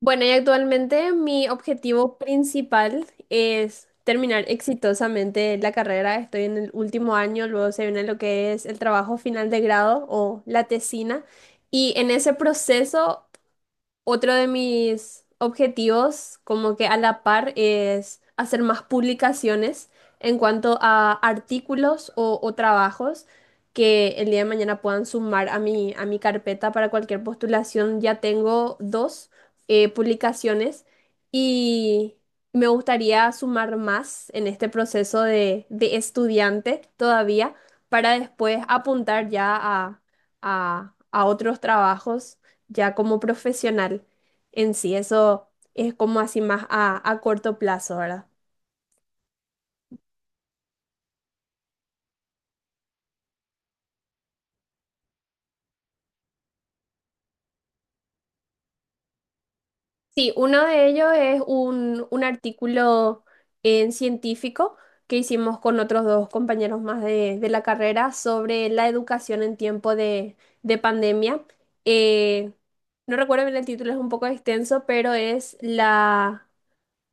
Bueno, y actualmente mi objetivo principal es terminar exitosamente la carrera. Estoy en el último año, luego se viene lo que es el trabajo final de grado o la tesina. Y en ese proceso otro de mis objetivos, como que a la par, es hacer más publicaciones en cuanto a artículos o trabajos que el día de mañana puedan sumar a a mi carpeta para cualquier postulación. Ya tengo dos publicaciones y me gustaría sumar más en este proceso de estudiante todavía para después apuntar ya a otros trabajos ya como profesional en sí. Eso es como así más a corto plazo, ¿verdad? Sí, uno de ellos es un artículo en científico que hicimos con otros dos compañeros más de la carrera sobre la educación en tiempo de pandemia. Eh, no recuerdo bien el título, es un poco extenso, pero es la,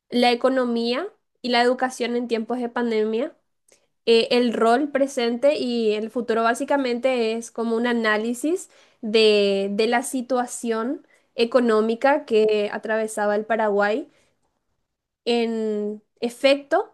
la economía y la educación en tiempos de pandemia. El rol presente y el futuro básicamente es como un análisis de la situación económica que atravesaba el Paraguay. En efecto,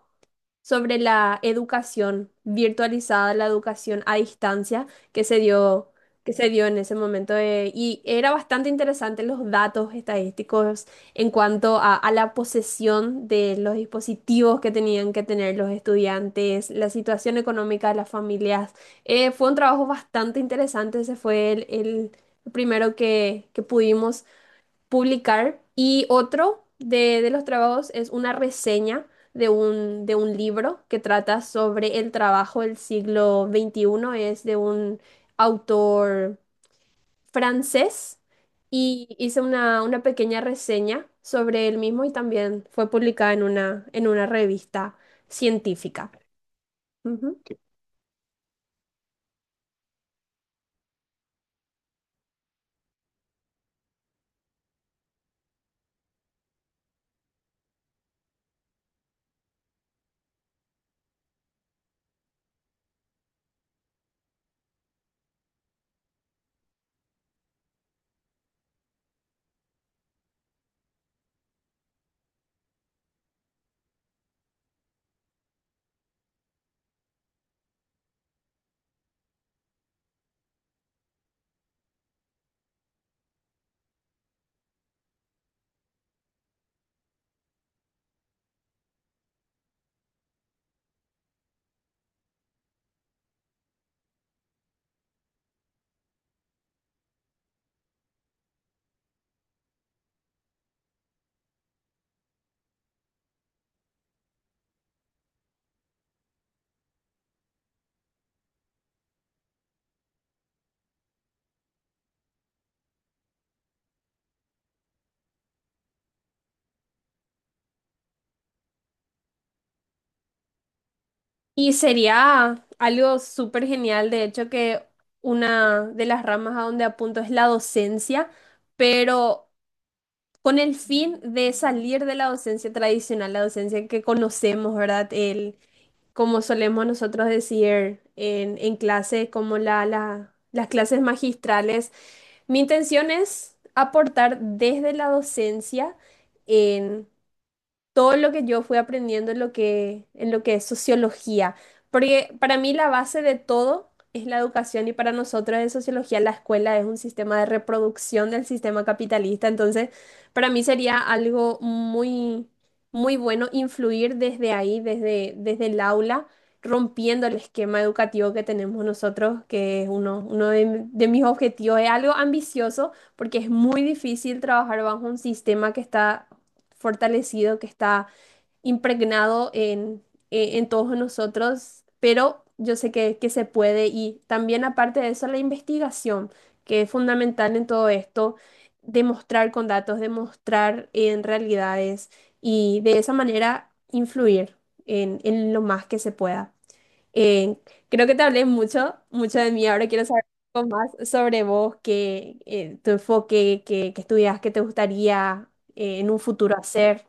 sobre la educación virtualizada, la educación a distancia que se dio en ese momento. Y era bastante interesante los datos estadísticos en cuanto a la posesión de los dispositivos que tenían que tener los estudiantes, la situación económica de las familias. Fue un trabajo bastante interesante, ese fue el primero que pudimos publicar. Y otro de los trabajos es una reseña de un libro que trata sobre el trabajo del siglo 21. Es de un autor francés y hice una pequeña reseña sobre él mismo y también fue publicada en una revista científica. Ujú. Y sería algo súper genial, de hecho, que una de las ramas a donde apunto es la docencia, pero con el fin de salir de la docencia tradicional, la docencia que conocemos, ¿verdad? El, como solemos nosotros decir en clase, como las clases magistrales. Mi intención es aportar desde la docencia todo lo que yo fui aprendiendo en lo que es sociología. Porque para mí la base de todo es la educación y para nosotros en sociología la escuela es un sistema de reproducción del sistema capitalista. Entonces, para mí sería algo muy bueno influir desde ahí, desde el aula, rompiendo el esquema educativo que tenemos nosotros, que es uno de mis objetivos. Es algo ambicioso porque es muy difícil trabajar bajo un sistema que está fortalecido, que está impregnado en todos nosotros, pero yo sé que se puede y también aparte de eso la investigación, que es fundamental en todo esto, demostrar con datos, demostrar en realidades y de esa manera influir en lo más que se pueda. Eh, Creo que te hablé mucho, mucho de mí, ahora quiero saber un poco más sobre vos, que, tu enfoque, que estudias, qué te gustaría en un futuro hacer.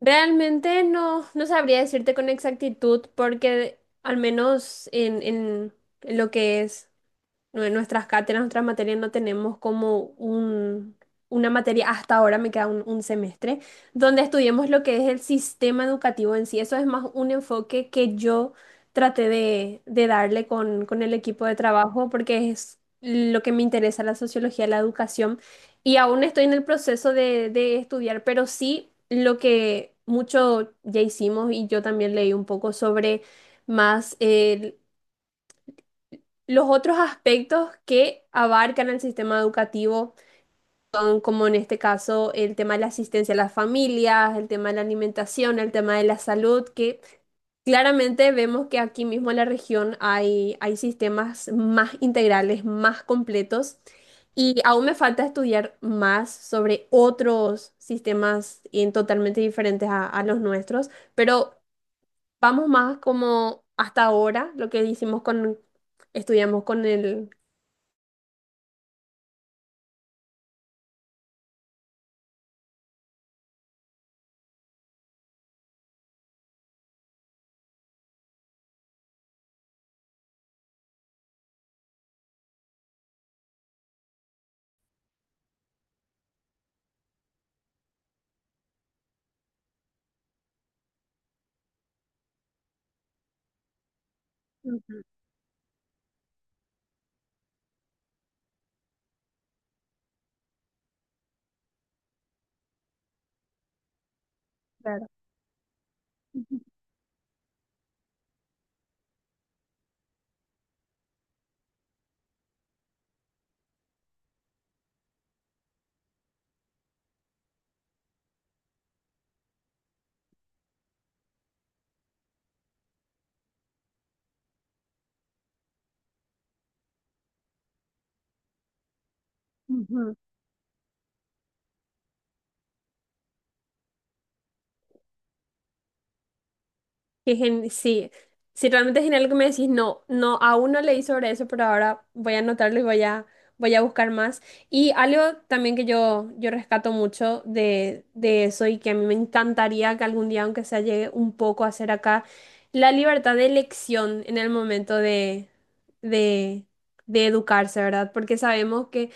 Realmente no, no sabría decirte con exactitud porque al menos en lo que es. No, en nuestras cátedras, nuestras materias no tenemos como una materia, hasta ahora me queda un semestre, donde estudiemos lo que es el sistema educativo en sí. Eso es más un enfoque que yo traté de darle con el equipo de trabajo porque es lo que me interesa, la sociología, la educación. Y aún estoy en el proceso de estudiar, pero sí lo que mucho ya hicimos y yo también leí un poco sobre más... los otros aspectos que abarcan el sistema educativo son, como en este caso, el tema de la asistencia a las familias, el tema de la alimentación, el tema de la salud, que claramente vemos que aquí mismo en la región hay sistemas más integrales, más completos, y aún me falta estudiar más sobre otros sistemas en totalmente diferentes a los nuestros, pero vamos más como hasta ahora, lo que hicimos con, estudiamos con el. Claro. Ujú. Sí, sí, realmente es genial lo que me decís. No, no, aún no leí sobre eso, pero ahora voy a anotarlo y voy voy a buscar más. Y algo también que yo rescato mucho de eso y que a mí me encantaría que algún día, aunque sea, llegue un poco a ser acá, la libertad de elección en el momento de, de educarse, ¿verdad? Porque sabemos que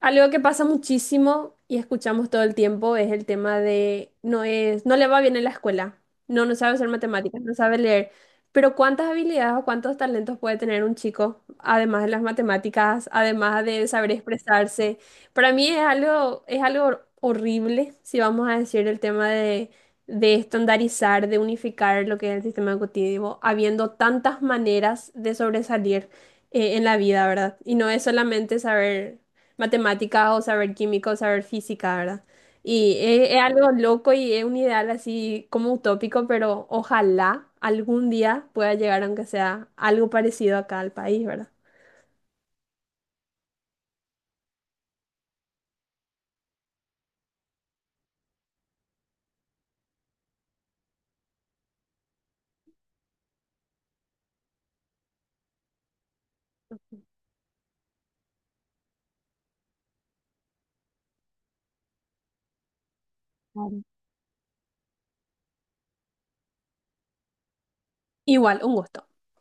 algo que pasa muchísimo y escuchamos todo el tiempo es el tema de no es, no le va bien en la escuela, no, no sabe hacer matemáticas, no sabe leer. Pero ¿cuántas habilidades o cuántos talentos puede tener un chico, además de las matemáticas, además de saber expresarse? Para mí es algo horrible, si vamos a decir el tema de estandarizar, de unificar lo que es el sistema educativo, habiendo tantas maneras de sobresalir en la vida, ¿verdad? Y no es solamente saber matemáticas o saber química o saber física, ¿verdad? Y es algo loco y es un ideal así como utópico, pero ojalá algún día pueda llegar, aunque sea algo parecido acá al país, ¿verdad? Claro. Igual, un gusto.